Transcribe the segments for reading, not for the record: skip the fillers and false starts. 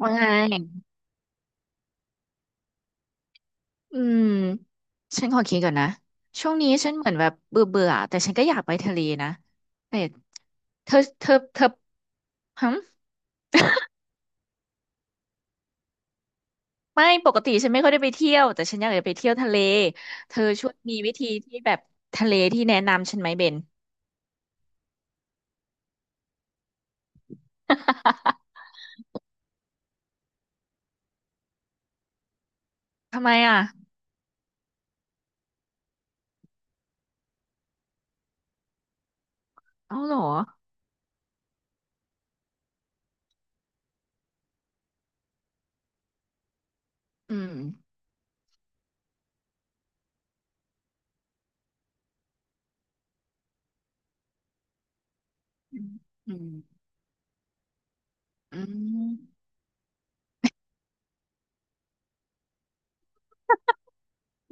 ว่าไงอืมฉันขอคิดก่อนนะ ช่วงนี้ฉันเหมือนแบบเบื่อเบื่อแต่ฉันก็อยากไปทะเลนะแต่เธอฮึไม่ปกติฉันไม่ค่อยได้ไปเที่ยวแต่ฉันอยากจะไปเที่ยวทะเลเธอช่วยมีวิธีที่แบบทะเลที่แนะนำฉันไหมเบน ทำไมอ่ะเอาเหรออืมอืมอืมอืม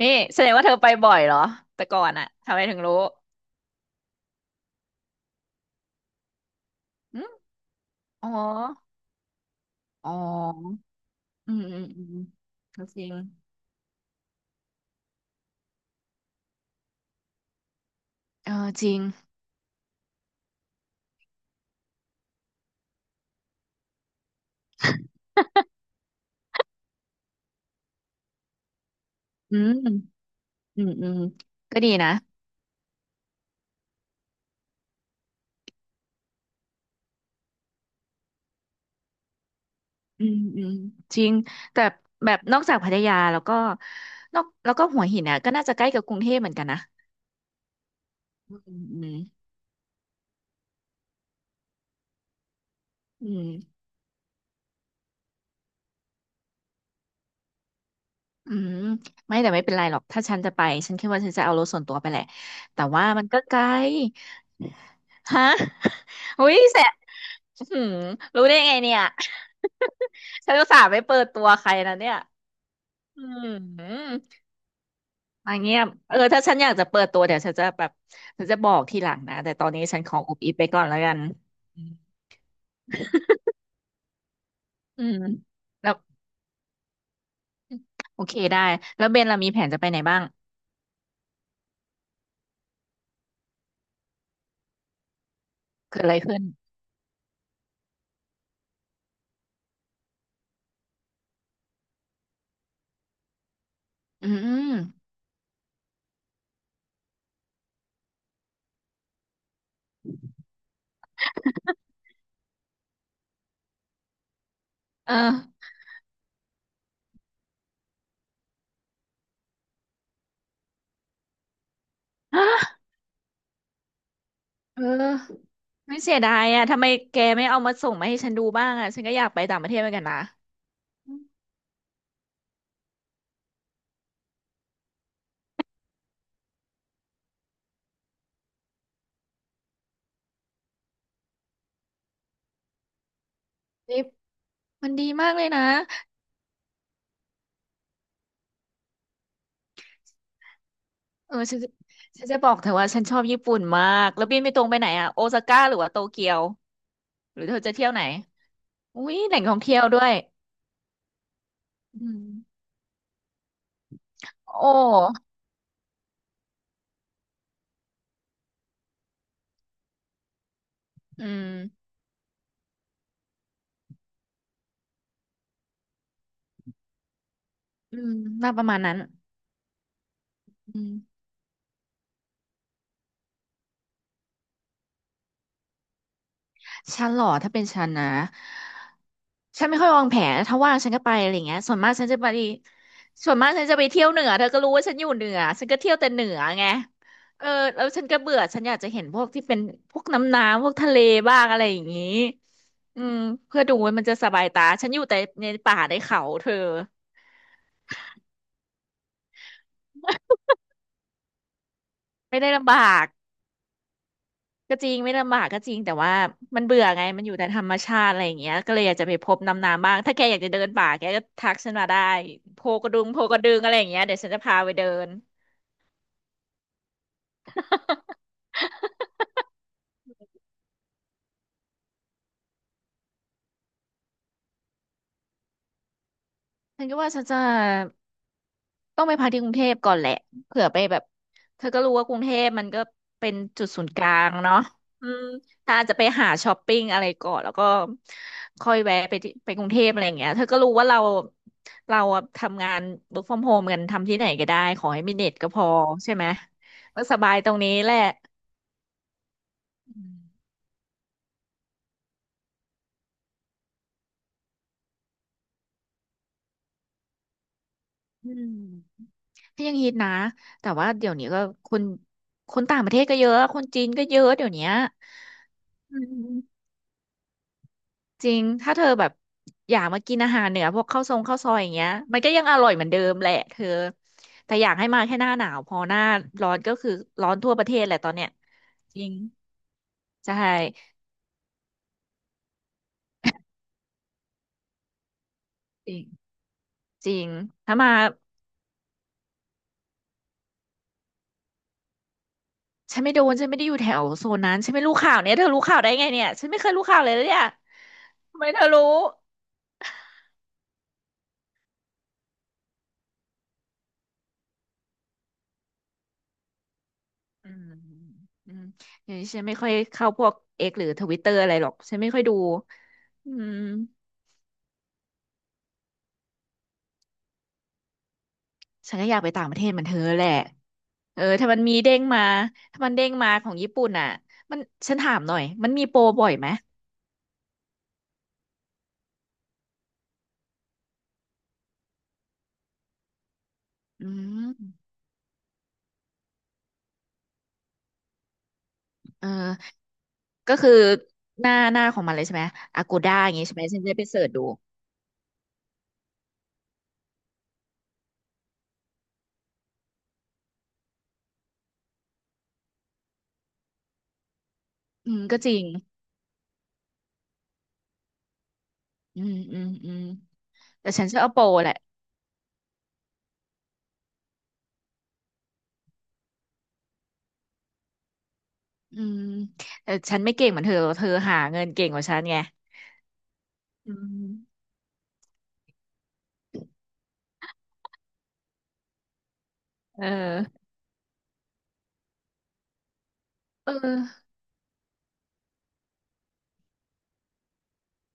นี่แสดงว่าเธอไปบ่อยเหรอแต่ก่อนอะทำไมถึงรู้อืมอ๋ออ๋อ อืมอืมอืมก็จริงเออจริงอืมอืมอืมก็ดีนะอืมอืมจริงแต่แบบนอกจากพัทยาแล้วก็นอกแล้วก็หัวหินอ่ะก็น่าจะใกล้กับกรุงเทพเหมือนกันนะอืมอืมอืมอืมไม่แต่ไม่เป็นไรหรอกถ้าฉันจะไปฉันคิดว่าฉันจะเอารถส่วนตัวไปแหละแต่ว่ามันก็ไกล ฮะอุ้ยแสบอื้อหือรู้ได้ไงเนี่ย ฉันอุตส่าห์ไม่เปิดตัวใครนะเนี่ยอืมมาเงียบเออ ถ้าฉันอยากจะเปิดตัวเดี๋ยวฉันจะแบบ ฉันจะบอกทีหลังนะ แต่ตอนนี้ฉันขออุบอิบไปก่อนแล้วกันอืมแล้วโอเคได้แล้วเบนเรามีแผนจะไปไหนบ้าง เกิดอะไรขึ้นอืมเออ ฮะเออไม่เสียดายอ่ะทำไมแกไม่เอามาส่งมาให้ฉันดูบ้างอ่ะฉันก็อยากไปต่างประเทศเหมือนกันนะนี่ มันดีมากเลยนะเออฉันจะบอกเธอว่าฉันชอบญี่ปุ่นมาก แล้วบินไปตรงไปไหนอะโอซาก้าหรือว่าโตเกียวหรือเธอจะเที่ยวไหนอุ้ยแหล่งท่องเที่ยวด้วย อืมโอ้อืมอืมน่าประมาณนั้นอืม ฉันเหรอถ้าเป็นฉันนะฉันไม่ค่อยวางแผนถ้าว่างฉันก็ไปอะไรเงี้ยส่วนมากฉันจะไปส่วนมากฉันจะไปเที่ยวเหนือเธอก็รู้ว่าฉันอยู่เหนือฉันก็เที่ยวแต่เหนือไงเออแล้วฉันก็เบื่อฉันอยากจะเห็นพวกที่เป็นพวกน้ำน้ำพวกทะเลบ้างอะไรอย่างงี้อืมเพื่อดูว่ามันจะสบายตาฉันอยู่แต่ในป่าในเขาเธอไม่ได้ลำบาก ก็จริงไม่ลำบากก็จริงแต่ว่ามันเบื่อไงมันอยู่แต่ธรรมชาติอะไรอย่างเงี้ยก็เลยอยากจะไปพบน้ำน้ำบ้างถ้าแกอยากจะเดินป่าแกก็ทักฉันมาได้โพกระดึงโพกระดึงอะไรอย่างเงี้ยเดี๋ยวฉันจะพาไปเดิน ฉันก็ว่าฉันจะ ต้องไปพักที่กรุงเทพก่อนแหละเผื่อไปแบบเธอก็รู้ว่ากรุงเทพมันก็เป็นจุดศูนย์กลางเนาะอืมถ้าอาจจะไปหาช้อปปิ้งอะไรก่อนแล้วก็ค่อยแวะไปที่ไปกรุงเทพอะไรอย่างเงี้ยเธอก็รู้ว่าเราเราอะทำงาน work from home กันทำที่ไหนก็ได้ขอให้มีเน็ตก็พอใช่ไหมก็สบายตรงนี้แหละอืมอืมก็ยังฮิตนะแต่ว่าเดี๋ยวนี้ก็คนคนต่างประเทศก็เยอะคนจีนก็เยอะเดี๋ยวเนี้ยอืม จริง ถ้าเธอแบบอยากมากินอาหารเหนือพวกข้าวซองข้าวซอยอย่างเงี้ยมันก็ยังอร่อยเหมือนเดิมแหละเธอแต่อยากให้มาแค่หน้าหนาวพอหน้าร้อนก็คือร้อนทั่วประเทศแหละตอนเนี้ยจริงใช่จริงจริงถ้ามาฉันไม่โดนฉันไม่ได้อยู่แถวโซนนั้นฉันไม่รู้ข่าวเนี่ยเธอรู้ข่าวได้ไงเนี่ยฉันไม่เคยรู้ข่าวเลยนะเนี่ยทำไมเธอรู้อืมอืมอย่างนี้ฉันไม่ค่อยเข้าพวกเอ็กหรือทวิตเตอร์อะไรหรอกฉันไม่ค่อยดูอืมฉันก็อยากไปต่างประเทศเหมือนเธอแหละ เออถ้ามันมีเด้งมาถ้ามันเด้งมาของญี่ปุ่นอ่ะมันฉันถามหน่อยมันมีโปรบ่อยไหมอืมเออก็คือหน้าของมันเลยใช่ไหมอากูด้าอย่างงี้ใช่ไหมฉันจะได้ไปเสิร์ชดูอืมก็จริงอืมอืมอืมแต่ฉันชอบเอาโปรแหละอืมแต่ฉันไม่เก่งเหมือนเธอเธอหาเงินเก่งกว่าฉันไงอืมเออเออ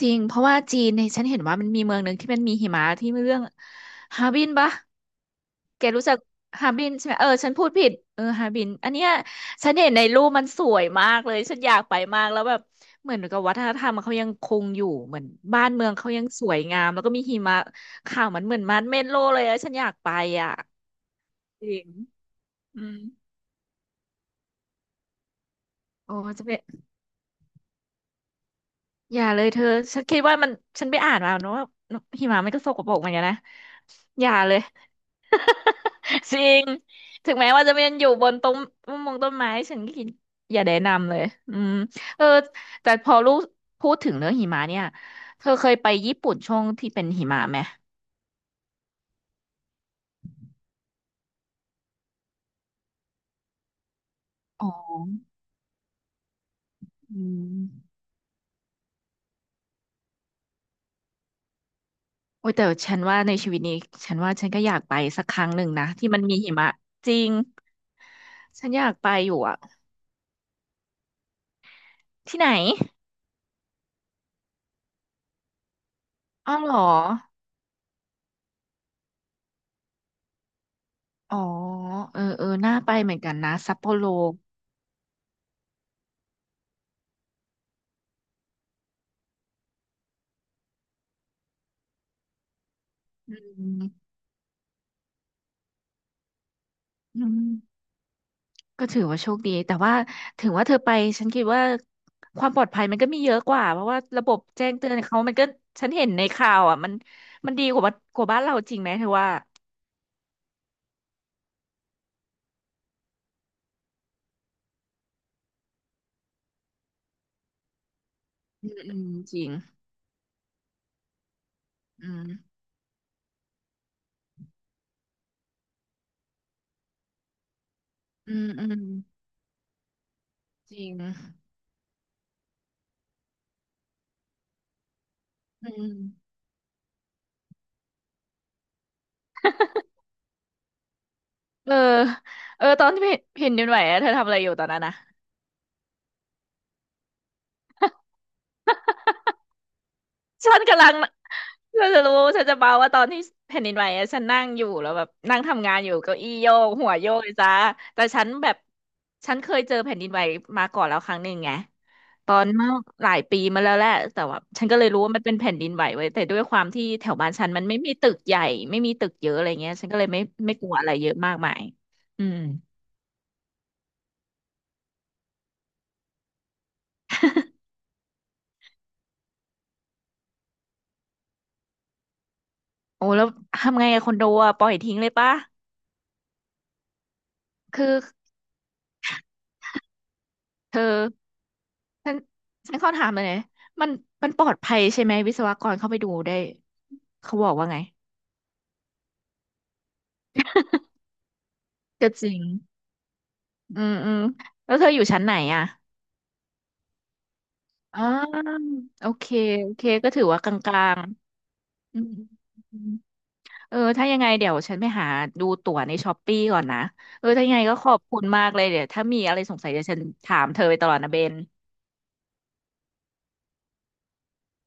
จริงเพราะว่าจีนเนี่ยฉันเห็นว่ามันมีเมืองหนึ่งที่มันมีหิมะที่เรื่องฮาร์บินปะแกรู้จักฮาร์บินใช่ไหมเออฉันพูดผิดเออฮาร์บินอันเนี้ยฉันเห็นในรูปมันสวยมากเลยฉันอยากไปมากแล้วแบบเหมือนกับวัฒนธรรมเขายังคงอยู่เหมือนบ้านเมืองเขายังสวยงามแล้วก็มีหิมะขาวมันเหมือนมันเมดโลเลยอะฉันอยากไปอ่ะจริงอืมโอ้จะไปอย่าเลยเธอฉันคิดว่ามันฉันไปอ่านมาเนอะว่าหิมะมันก็สกปรกเหมือนกันนะอย่าเลย จริงถึงแม้ว่าจะเป็นอยู่บนต้นงต้นไม้ฉันก็กินอย่าแนะนำเลยอืมเออแต่พอลูกพูดถึงเรื่องหิมะเนี่ยเธอเคยไปญี่ปุ่นช่วงที่เป็นหิมะไหมอ๋ออืมโอ้ยแต่ฉันว่าในชีวิตนี้ฉันว่าฉันก็อยากไปสักครั้งหนึ่งนะที่มันมีหิมะจริงฉันอยากไปอยู่อะที่ไหนอ้าวเหรออ๋อเออเออน่าไปเหมือนกันนะซัปโปโรอืมอืม ก็ถือว่าโชคดีแต่ว่าถึงว่าเธอไปฉันคิดว่าความปลอดภัยมันก็มีเยอะกว่าเพราะว่าระบบแจ้งเตือนเขามันก็ฉันเห็นในข่าวอ่ะมันมันดีกว่าบ้านกว่าบ้านเราจริงไหมเธอว่าอืมอืมจริงอืมอืมอืมจริงอืมเออเออตอนที่เห็นเห็นดินไหวอะเธอทำอะไรอยู่ตอนนั้นนะ ฉันกำลังฉันจะรู้ฉันจะเมาว่าตอนที่แผ่นดินไหวอะฉันนั่งอยู่แล้วแบบนั่งทำงานอยู่เก้าอี้โยกหัวโยกเลยจ้าแต่ฉันแบบฉันเคยเจอแผ่นดินไหวมาก่อนแล้วครั้งหนึ่งไงตอนเมื่อหลายปีมาแล้วแหละแต่ว่าฉันก็เลยรู้ว่ามันเป็นแผ่นดินไหวไว้ยแต่ด้วยความที่แถวบ้านฉันมันไม่มีตึกใหญ่ไม่มีตึกเยอะอะไรเงี้ยฉันก็เลยไม่กลัวอะไรเยอะมากมายอืมโอ้แล้วทำไงอะคอนโดอะปล่อยทิ้งเลยปะคือเธอ ฉันฉันขอถามเลยนะมันมันปลอดภัยใช่ไหมวิศวกรเข้าไปดูได้เขาบอกว่าไงก็จริงอืมอืมแล้วเธออยู่ชั้นไหนอ่ะอ่าโอเคโอเคก็ถือว่ากลางๆอืมอืมเออถ้ายังไงเดี๋ยวฉันไปหาดูตั๋วในช้อปปี้ก่อนนะเออถ้ายังไงก็ขอบคุณมากเลยเดี๋ยวถ้ามีอะไรสงสัยเดี๋ยวฉันถามเธอไปตลอดนะเบน